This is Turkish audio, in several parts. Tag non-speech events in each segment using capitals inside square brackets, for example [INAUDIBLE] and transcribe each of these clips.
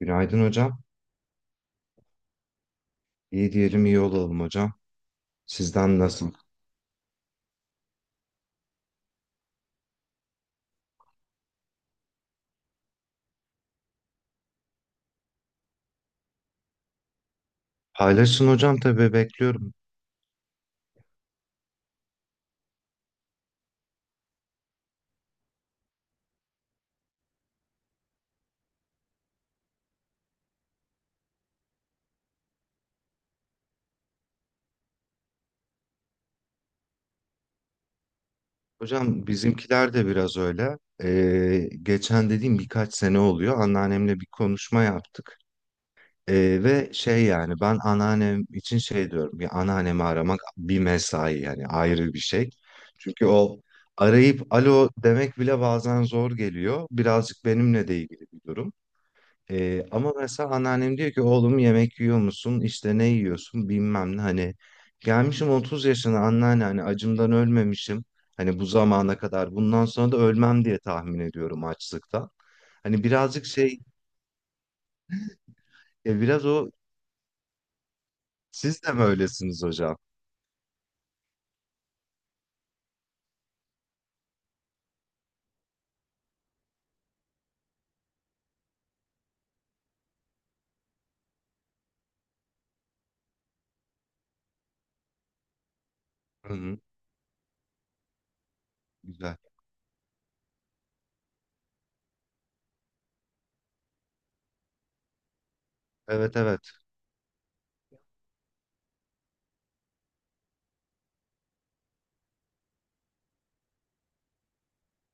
Günaydın hocam. İyi diyelim, iyi olalım hocam. Sizden nasıl? Paylaşın hocam, tabii bekliyorum. Hocam bizimkiler de biraz öyle. Geçen dediğim birkaç sene oluyor. Anneannemle bir konuşma yaptık. Ve şey, yani ben anneannem için şey diyorum ya, anneannemi aramak bir mesai, yani ayrı bir şey. Çünkü o, arayıp alo demek bile bazen zor geliyor. Birazcık benimle de ilgili bir durum. Ama mesela anneannem diyor ki oğlum yemek yiyor musun? İşte ne yiyorsun? Bilmem ne. Hani gelmişim 30 yaşına anneanne, hani acımdan ölmemişim. Hani bu zamana kadar, bundan sonra da ölmem diye tahmin ediyorum açlıktan. Hani birazcık şey, biraz o, siz de mi öylesiniz hocam? Hı hı, güzel. Evet, evet,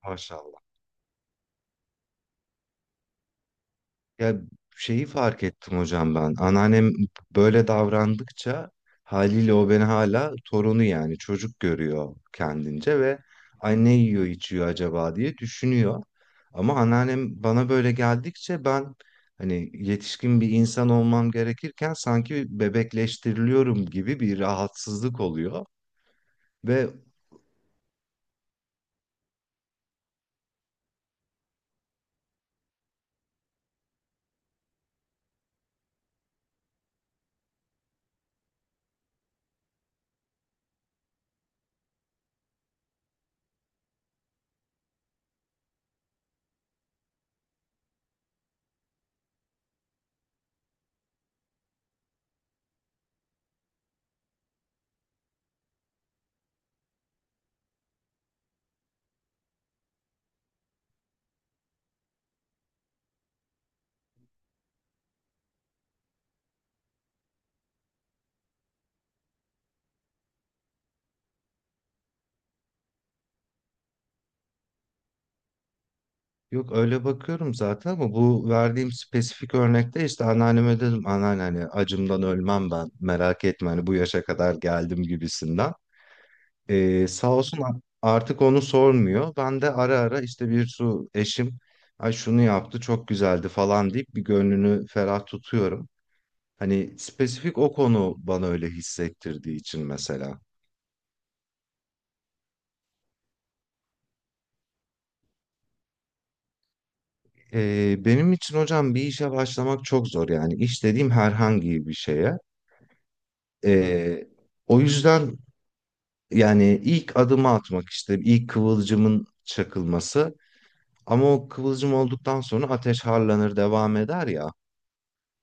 maşallah. Ya şeyi fark ettim hocam ben. Anneannem böyle davrandıkça, haliyle o beni hala torunu, yani çocuk görüyor kendince ve ay ne yiyor içiyor acaba diye düşünüyor. Ama anneannem bana böyle geldikçe ben, hani yetişkin bir insan olmam gerekirken sanki bebekleştiriliyorum gibi bir rahatsızlık oluyor. Ve yok, öyle bakıyorum zaten ama bu verdiğim spesifik örnekte işte anneanneme dedim anneanne hani acımdan ölmem ben, merak etme, hani bu yaşa kadar geldim gibisinden. Sağ olsun, artık onu sormuyor. Ben de ara ara işte bir su, eşim ay şunu yaptı çok güzeldi falan deyip bir gönlünü ferah tutuyorum. Hani spesifik o konu bana öyle hissettirdiği için mesela. Benim için hocam bir işe başlamak çok zor, yani iş dediğim herhangi bir şeye. Ee, O yüzden, yani ilk adımı atmak, işte ilk kıvılcımın çakılması, ama o kıvılcım olduktan sonra ateş harlanır, devam eder ya.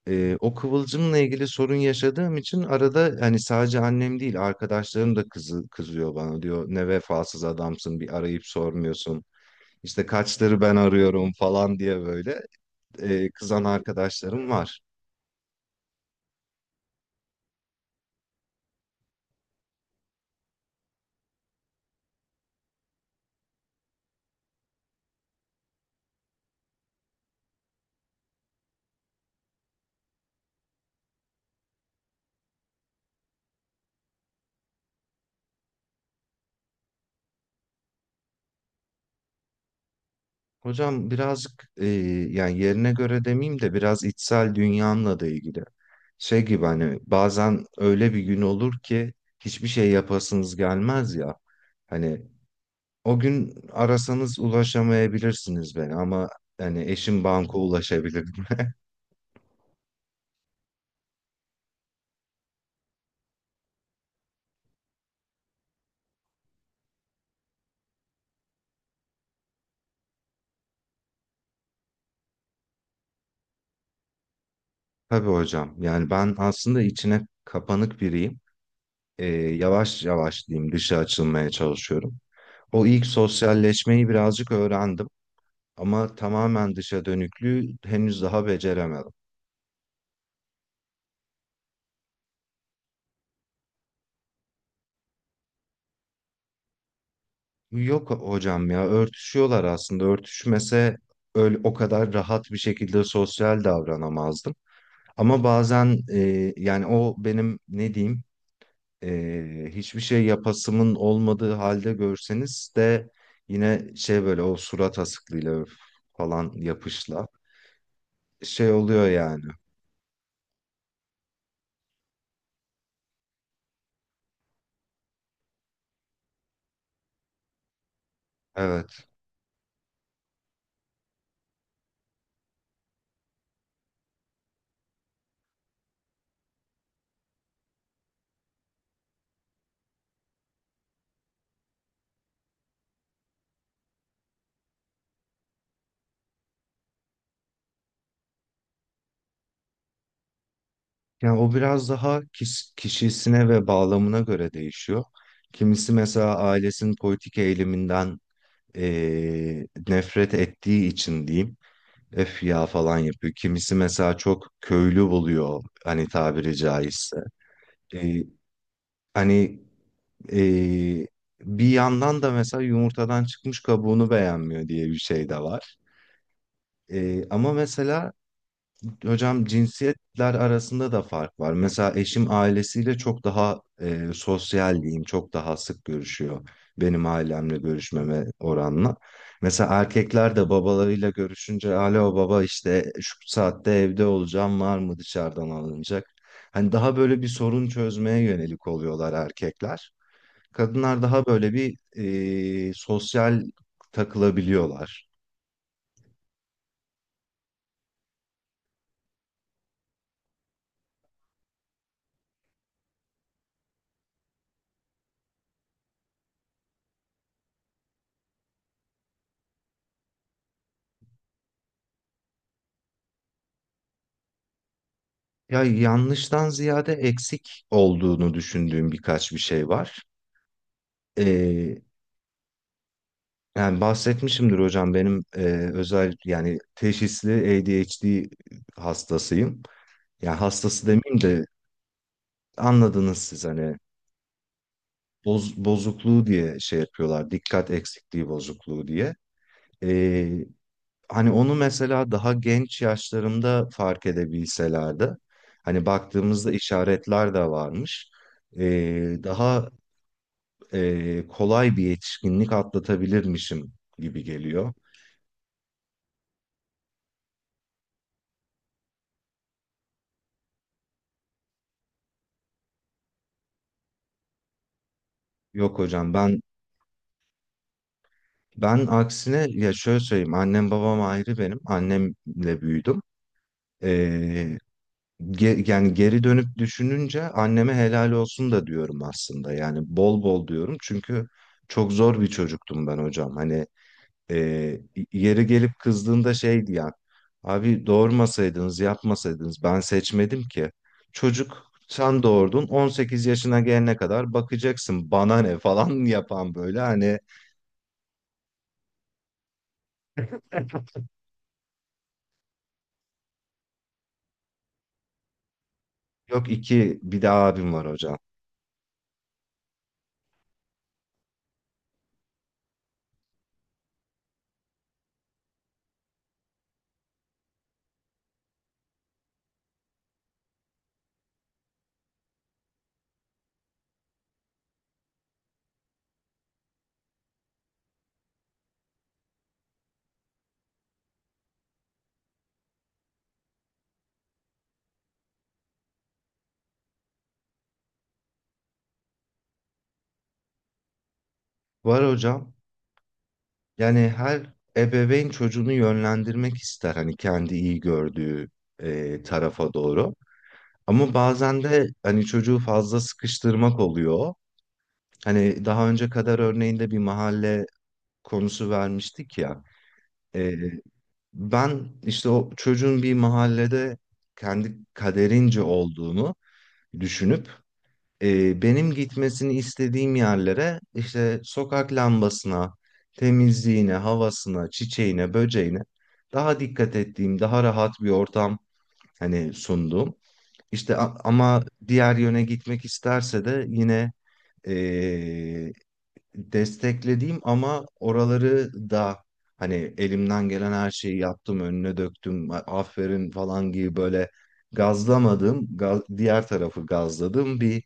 O kıvılcımla ilgili sorun yaşadığım için arada, hani sadece annem değil, arkadaşlarım da kızıyor bana, diyor ne vefasız adamsın, bir arayıp sormuyorsun. İşte kaçları ben arıyorum falan diye böyle, kızan arkadaşlarım var. Hocam birazcık, yani yerine göre demeyeyim de, biraz içsel dünyamla da ilgili. Şey gibi, hani bazen öyle bir gün olur ki hiçbir şey yapasınız gelmez ya. Hani o gün arasanız ulaşamayabilirsiniz beni, ama hani eşim banka ulaşabilir. [LAUGHS] Tabii hocam. Yani ben aslında içine kapanık biriyim. Yavaş yavaş diyeyim, dışa açılmaya çalışıyorum. O ilk sosyalleşmeyi birazcık öğrendim ama tamamen dışa dönüklüğü henüz daha beceremedim. Yok hocam ya, örtüşüyorlar aslında. Örtüşmese öyle o kadar rahat bir şekilde sosyal davranamazdım. Ama bazen, yani o benim ne diyeyim, hiçbir şey yapasımın olmadığı halde görseniz de yine şey, böyle o surat asıklığıyla öf falan yapışla şey oluyor yani. Evet. Yani o biraz daha kişisine ve bağlamına göre değişiyor. Kimisi mesela ailesinin politik eğiliminden nefret ettiği için diyeyim, öf ya falan yapıyor. Kimisi mesela çok köylü buluyor, hani tabiri caizse. Eee, hani eee, Bir yandan da mesela yumurtadan çıkmış kabuğunu beğenmiyor diye bir şey de var. Ama mesela hocam cinsiyetler arasında da fark var. Mesela eşim ailesiyle çok daha, sosyal diyeyim, çok daha sık görüşüyor benim ailemle görüşmeme oranla. Mesela erkekler de babalarıyla görüşünce alo baba işte şu saatte evde olacağım, var mı dışarıdan alınacak? Hani daha böyle bir sorun çözmeye yönelik oluyorlar erkekler. Kadınlar daha böyle bir, sosyal takılabiliyorlar. Ya yanlıştan ziyade eksik olduğunu düşündüğüm birkaç bir şey var. Ee, Yani bahsetmişimdir hocam benim, özel yani teşhisli ADHD hastasıyım. Yani hastası demeyeyim de, anladınız siz hani bozukluğu diye şey yapıyorlar. Dikkat eksikliği bozukluğu diye. Ee, Hani onu mesela daha genç yaşlarımda fark edebilselerdi. Hani baktığımızda işaretler de varmış, daha kolay bir yetişkinlik atlatabilirmişim gibi geliyor. Yok hocam, ben aksine ya şöyle söyleyeyim, annem babam ayrı, benim annemle büyüdüm. Ee, Yani geri dönüp düşününce anneme helal olsun da diyorum aslında, yani bol bol diyorum, çünkü çok zor bir çocuktum ben hocam hani. Ee, Yeri gelip kızdığında şey diyen, abi doğurmasaydınız, yapmasaydınız, ben seçmedim ki. Çocuk sen doğurdun, 18 yaşına gelene kadar bakacaksın bana ne falan [LAUGHS] yapan böyle hani. Yok, iki, bir daha abim var hocam. Var hocam, yani her ebeveyn çocuğunu yönlendirmek ister, hani kendi iyi gördüğü, tarafa doğru. Ama bazen de hani çocuğu fazla sıkıştırmak oluyor. Hani daha önce kadar örneğinde bir mahalle konusu vermiştik ya. Ee, Ben işte o çocuğun bir mahallede kendi kaderince olduğunu düşünüp, benim gitmesini istediğim yerlere, işte sokak lambasına, temizliğine, havasına, çiçeğine, böceğine daha dikkat ettiğim, daha rahat bir ortam hani sunduğum. İşte ama diğer yöne gitmek isterse de yine e, desteklediğim, ama oraları da hani elimden gelen her şeyi yaptım, önüne döktüm, aferin falan gibi böyle gazlamadım, diğer tarafı gazladım. Bir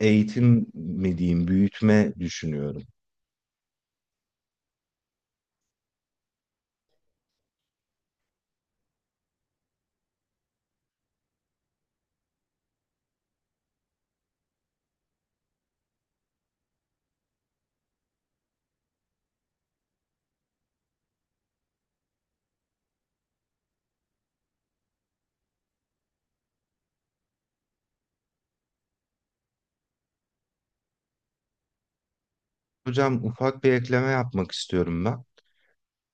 eğitim mi diyeyim, büyütme düşünüyorum. Hocam ufak bir ekleme yapmak istiyorum ben.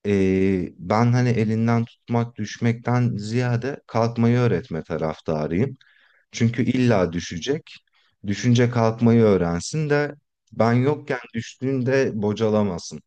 Ben hani elinden tutmak, düşmekten ziyade kalkmayı öğretme taraftarıyım. Çünkü illa düşecek. Düşünce kalkmayı öğrensin de ben yokken düştüğünde bocalamasın.